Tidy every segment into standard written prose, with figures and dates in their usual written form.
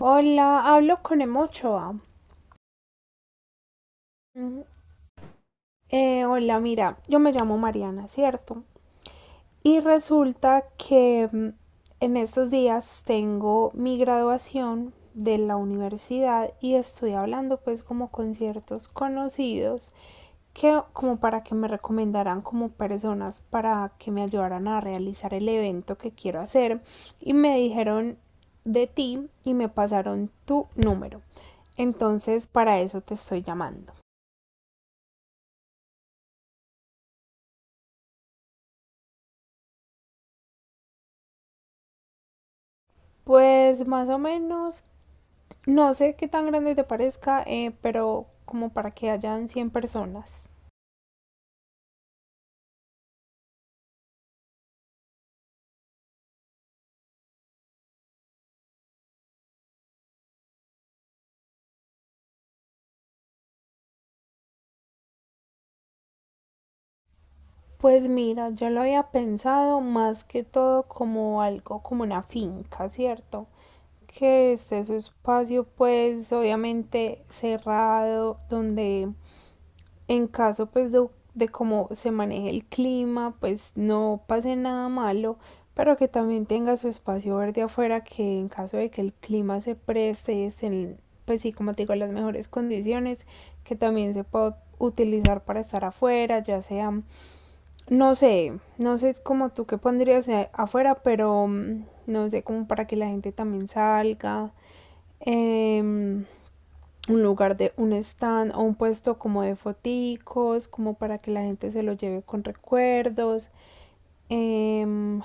Hola, hablo con Emochoa. Mm, hola, mira, yo me llamo Mariana, ¿cierto? Y resulta que en estos días tengo mi graduación de la universidad y estoy hablando pues como con ciertos conocidos que como para que me recomendaran como personas para que me ayudaran a realizar el evento que quiero hacer y me dijeron de ti y me pasaron tu número. Entonces para eso te estoy llamando. Pues más o menos, no sé qué tan grande te parezca, pero como para que hayan 100 personas. Pues mira, yo lo había pensado más que todo como algo, como una finca, ¿cierto? Que esté su espacio pues obviamente cerrado, donde en caso pues de cómo se maneje el clima, pues no pase nada malo, pero que también tenga su espacio verde afuera, que en caso de que el clima se preste, estén, pues sí, como te digo, las mejores condiciones, que también se pueda utilizar para estar afuera, ya sea, no sé, no sé como tú qué pondrías afuera, pero no sé, como para que la gente también salga. Em, un lugar de un stand o un puesto como de foticos, como para que la gente se lo lleve con recuerdos. Em,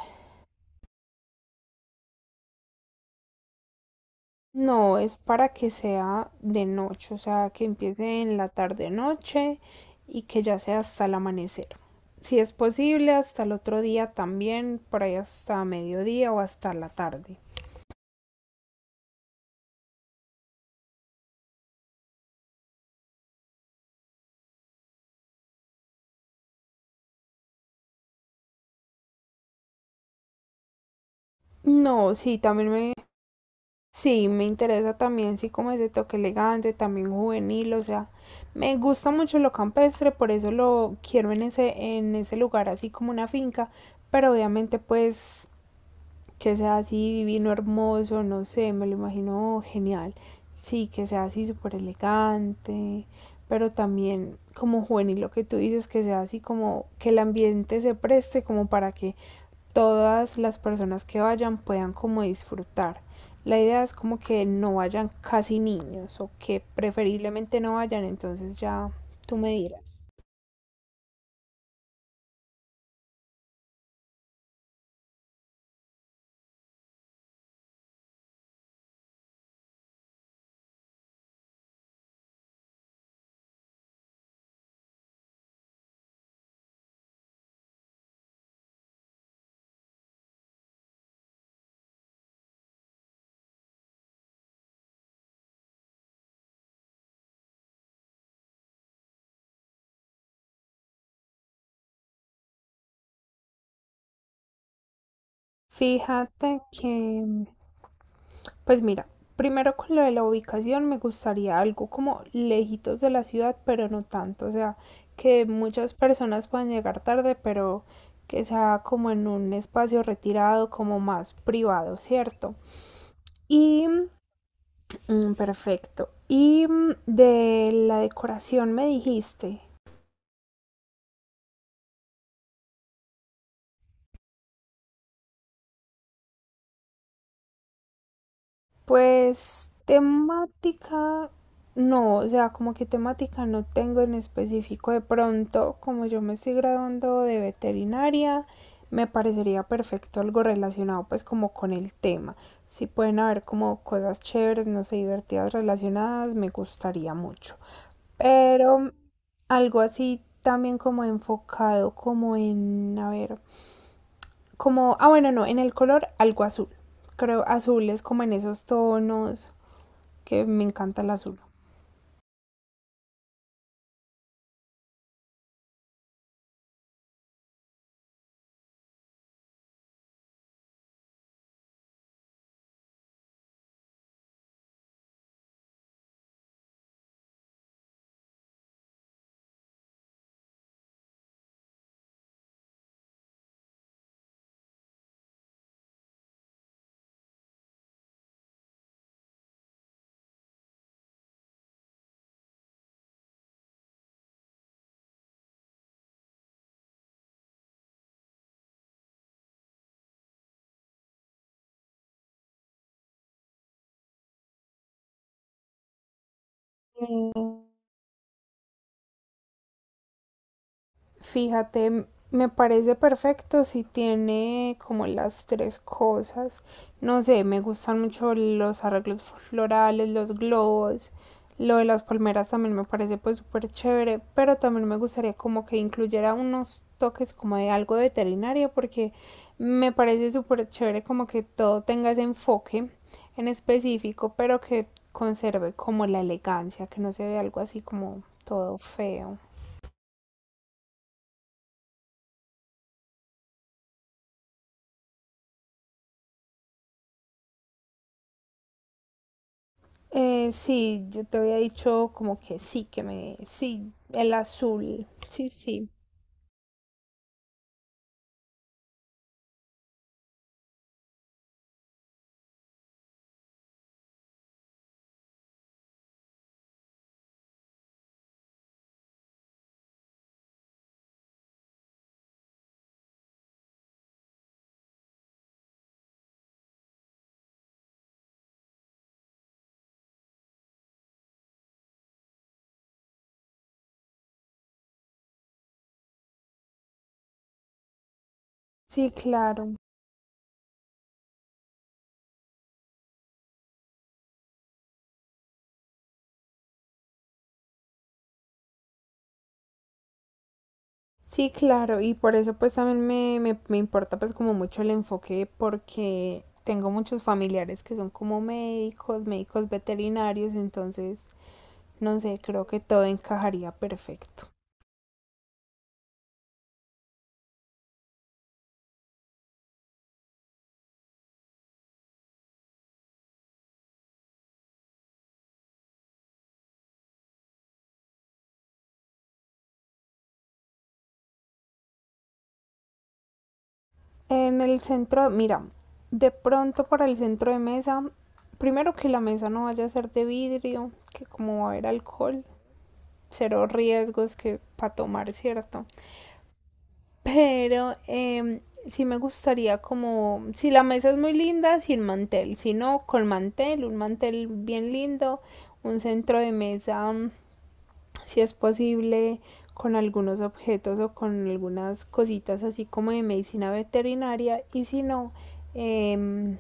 no, es para que sea de noche, o sea, que empiece en la tarde-noche y que ya sea hasta el amanecer. Si es posible, hasta el otro día también, por ahí hasta mediodía o hasta la tarde. No, sí, también me Sí, me interesa también, sí, como ese toque elegante, también juvenil, o sea, me gusta mucho lo campestre, por eso lo quiero en ese lugar, así como una finca, pero obviamente pues que sea así divino, hermoso, no sé, me lo imagino genial, sí, que sea así súper elegante, pero también como juvenil, lo que tú dices, que sea así como que el ambiente se preste como para que todas las personas que vayan puedan como disfrutar. La idea es como que no vayan casi niños o que preferiblemente no vayan, entonces ya tú me dirás. Fíjate que, pues mira, primero con lo de la ubicación me gustaría algo como lejitos de la ciudad, pero no tanto, o sea, que muchas personas puedan llegar tarde, pero que sea como en un espacio retirado, como más privado, ¿cierto? Y perfecto. Y de la decoración me dijiste, pues temática, no, o sea, como que temática no tengo en específico. De pronto, como yo me estoy graduando de veterinaria, me parecería perfecto algo relacionado pues como con el tema. Si pueden haber como cosas chéveres, no sé, divertidas relacionadas, me gustaría mucho. Pero algo así también como enfocado como en, a ver. Como, ah bueno, no, en el color algo azul. Creo azul es como en esos tonos que me encanta el azul. Mm, Fíjate, me parece perfecto si tiene como las tres cosas. No sé, me gustan mucho los arreglos florales, los globos. Lo de las palmeras también me parece pues súper chévere, pero también me gustaría como que incluyera unos toques como de algo de veterinario porque me parece súper chévere como que todo tenga ese enfoque en específico, pero que conserve como la elegancia, que no se vea algo así como todo feo. Sí, yo te había dicho como que sí, que me... Sí, el azul. Sí, sí. Sí, claro. Sí, claro. Y por eso pues también me importa pues como mucho el enfoque porque tengo muchos familiares que son como médicos, médicos veterinarios, entonces no sé, creo que todo encajaría perfecto. En el centro, mira, de pronto para el centro de mesa, primero que la mesa no vaya a ser de vidrio, que como va a haber alcohol. Cero riesgos que para tomar, ¿cierto? Pero sí me gustaría como, si la mesa es muy linda, sin mantel, si no, con mantel, un mantel bien lindo, un centro de mesa, si es posible, con algunos objetos o con algunas cositas así como de medicina veterinaria y si no, eh,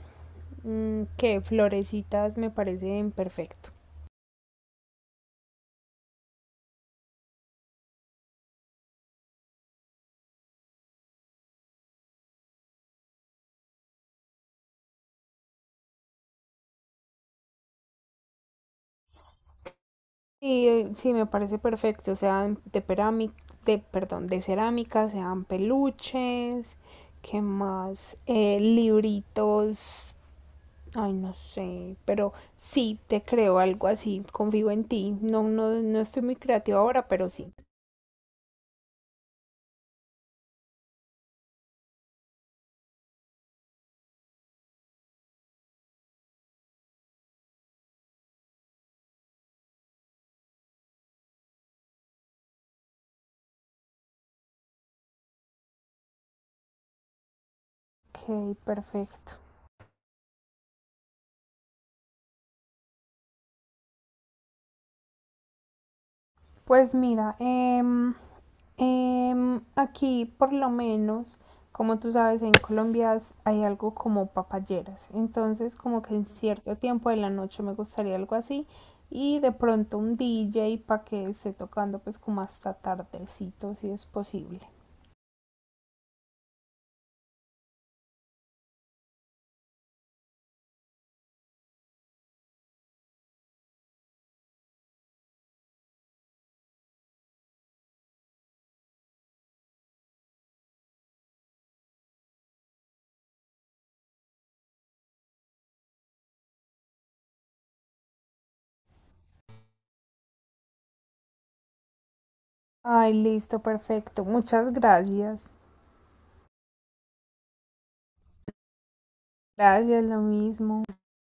que florecitas me parecen perfecto. Y sí, me parece perfecto, sean de perami- de, perdón, de cerámica, sean peluches, ¿qué más? Libritos, ay, no sé, pero sí, te creo algo así, confío en ti. No, no, no estoy muy creativa ahora, pero sí. Ok, perfecto. Pues mira, aquí, por lo menos, como tú sabes, en Colombia hay algo como papayeras. Entonces, como que en cierto tiempo de la noche me gustaría algo así. Y de pronto un DJ para que esté tocando pues como hasta tardecito, si es posible. Ay, listo, perfecto. Muchas gracias. Gracias, lo mismo.